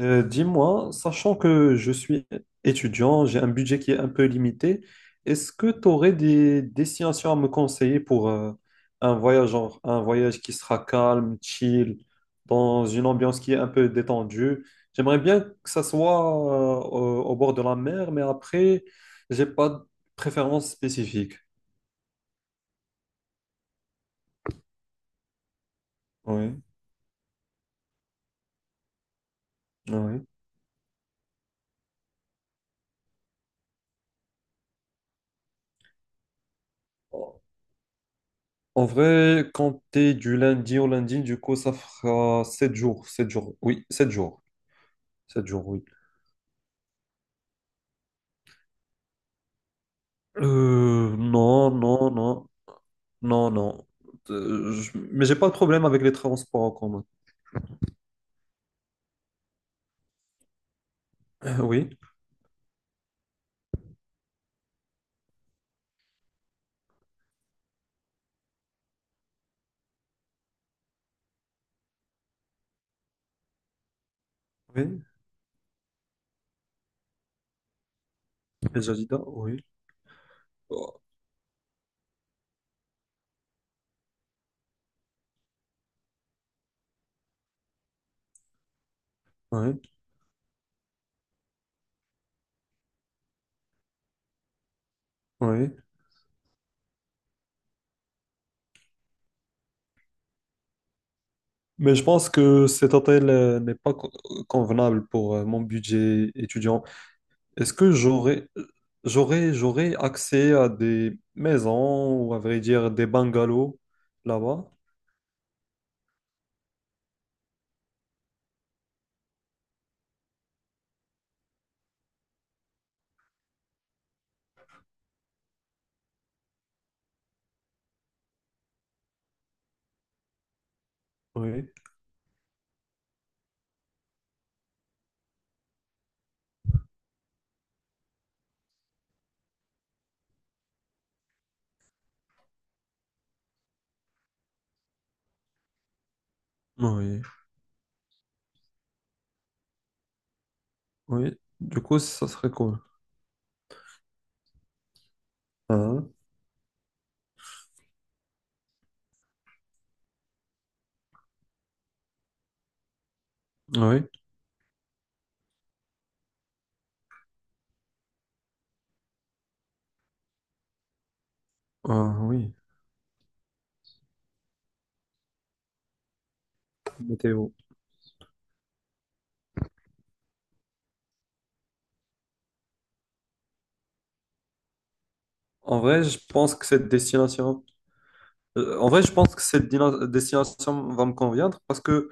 Dis-moi, sachant que je suis étudiant, j'ai un budget qui est un peu limité, est-ce que tu aurais des destinations à me conseiller pour un voyage, genre un voyage qui sera calme, chill, dans une ambiance qui est un peu détendue? J'aimerais bien que ça soit au bord de la mer, mais après, j'ai pas de préférence spécifique. Oui, oui. En vrai, compter du lundi au lundi, du coup, ça fera 7 jours, 7 jours, oui, 7 jours, 7 jours, oui. Non, non, non, non, non. Mais j'ai pas de problème avec les transports en commun. Oui, oui, les Adidas, oui, oui, oui. Mais je pense que cet hôtel n'est pas co- convenable pour mon budget étudiant. Est-ce que j'aurais accès à des maisons ou à vrai dire des bungalows là-bas? Oui, oui, oui. Du coup, ça serait cool. Ah, oui, ah, oui. Météo. En vrai, je pense que cette destination, en vrai, je pense que cette destination va me convenir parce que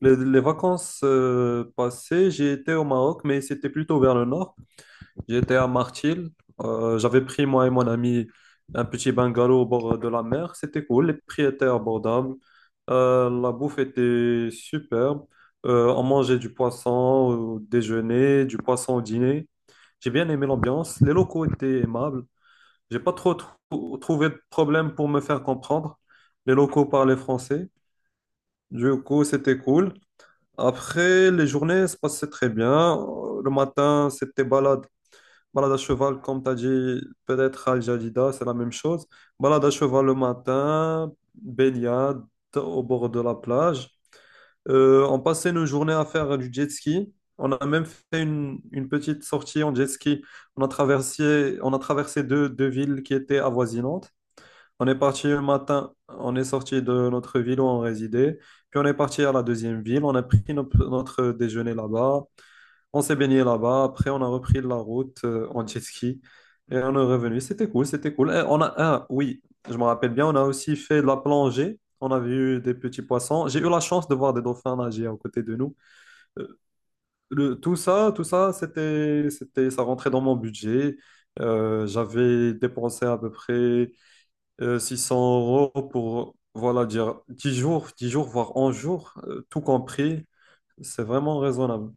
les vacances passées, j'ai été au Maroc, mais c'était plutôt vers le nord. J'étais à Martil. J'avais pris moi et mon ami un petit bungalow au bord de la mer. C'était cool. Les prix étaient abordables. La bouffe était superbe. On mangeait du poisson au déjeuner, du poisson au dîner. J'ai bien aimé l'ambiance. Les locaux étaient aimables. J'ai pas trop trouvé de problème pour me faire comprendre. Les locaux parlaient français. Du coup, c'était cool. Après, les journées se passaient très bien. Le matin, c'était balade. Balade à cheval, comme tu as dit, peut-être à Jadida, c'est la même chose. Balade à cheval le matin, baignade au bord de la plage. On passait nos journées à faire du jet ski. On a même fait une petite sortie en jet ski. On a traversé deux villes qui étaient avoisinantes. On est parti le matin, on est sorti de notre ville où on résidait, puis on est parti à la deuxième ville, on a pris notre déjeuner là-bas, on s'est baigné là-bas, après on a repris la route en jet ski et on est revenu. C'était cool, c'était cool. Et on a, ah, oui, je me rappelle bien, on a aussi fait de la plongée, on a vu des petits poissons. J'ai eu la chance de voir des dauphins nager à côté de nous. Euh, tout ça, ça rentrait dans mon budget. J'avais dépensé à peu près. 600 € pour, voilà, dire 10 jours, 10 jours, voire 11 jours, tout compris, c'est vraiment raisonnable.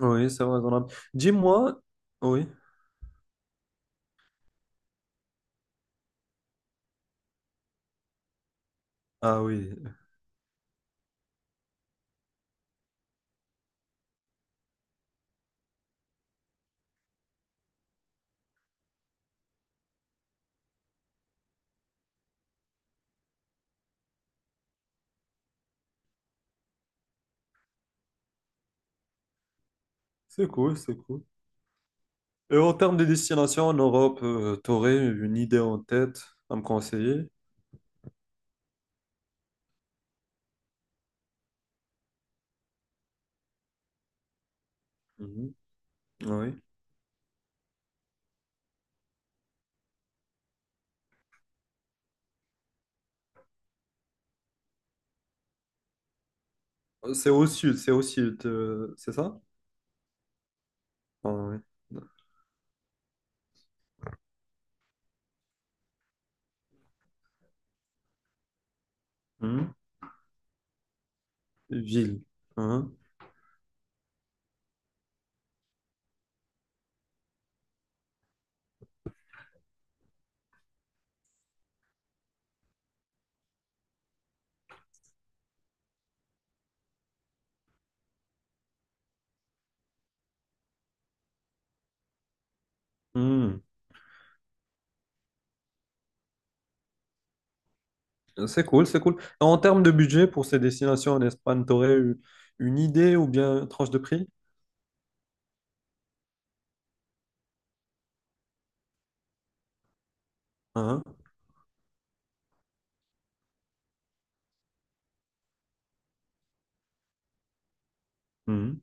Oui, c'est raisonnable. Dis-moi, oui, ah oui, c'est cool, c'est cool. Et en termes de destination en Europe, tu aurais une idée en tête à me conseiller? Mhm. Oui. C'est au sud, c'est au sud, c'est ça? Ah oui. Mhm. Ville. Mhm. Mhm. C'est cool, c'est cool. En termes de budget pour ces destinations en Espagne, t'aurais eu une idée ou bien une tranche de prix? Hein. Mhm.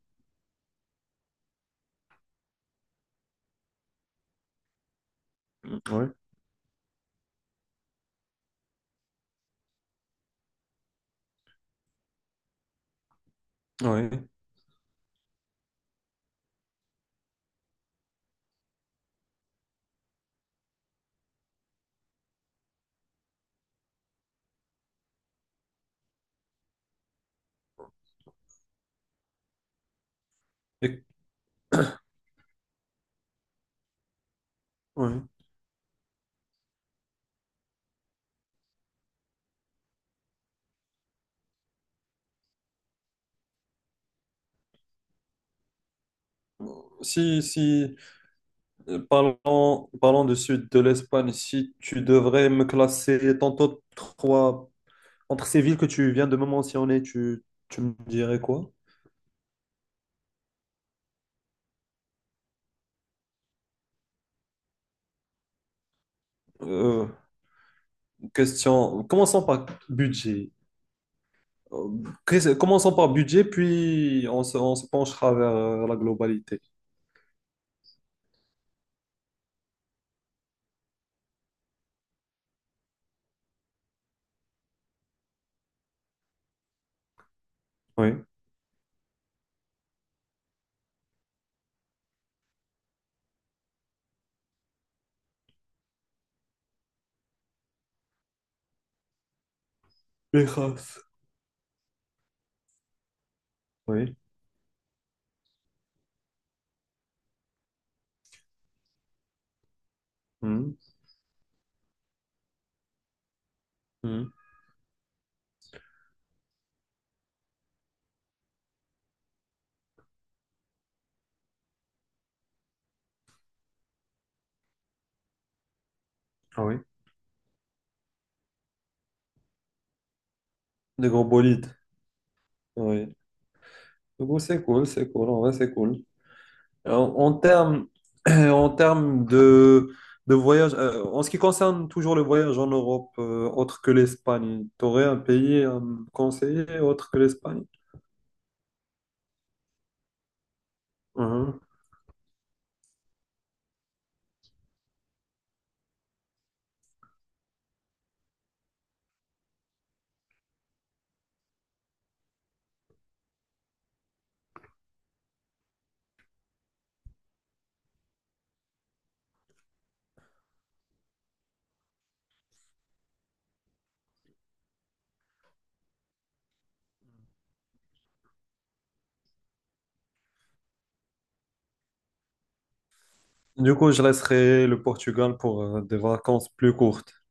Ouais, ouais. Et- ouais. Si, si, parlons du sud de l'Espagne, si tu devrais me classer tantôt trois, entre ces villes que tu viens de me mentionner, tu me dirais quoi? Euh, commençons par budget. Euh, Commençons par budget, puis on on se penchera vers la globalité. Oui. Les races. Oui. Hmm, hmm. Ah oui. Des gros bolides. Oui. Du coup, c'est cool, c'est cool. En vrai, c'est cool. En, en termes, en termes de voyage, en ce qui concerne toujours le voyage en Europe, autre que l'Espagne, tu aurais un pays à me conseiller autre que l'Espagne? Mhm. Du coup, je laisserai le Portugal pour des vacances plus courtes.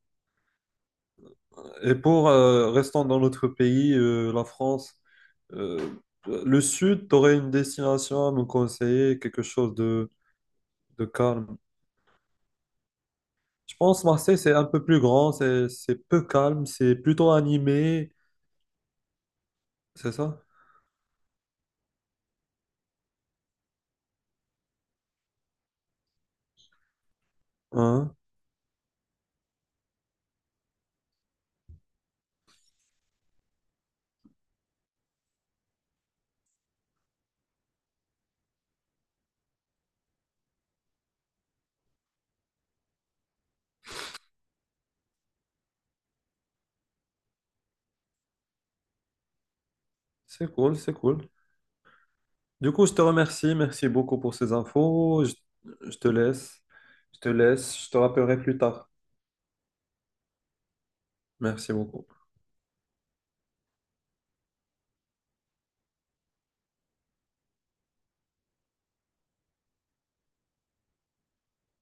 Et pour restant dans notre pays, la France, euh, le sud, tu aurais une destination à me conseiller, quelque chose de calme. Je pense Marseille, c'est un peu plus grand, c'est peu calme, c'est plutôt animé, c'est ça? Hein? C'est cool, c'est cool. Du coup, je te remercie, merci beaucoup pour ces infos. Je, je te laisse, je te laisse, je te rappellerai plus tard. Merci beaucoup.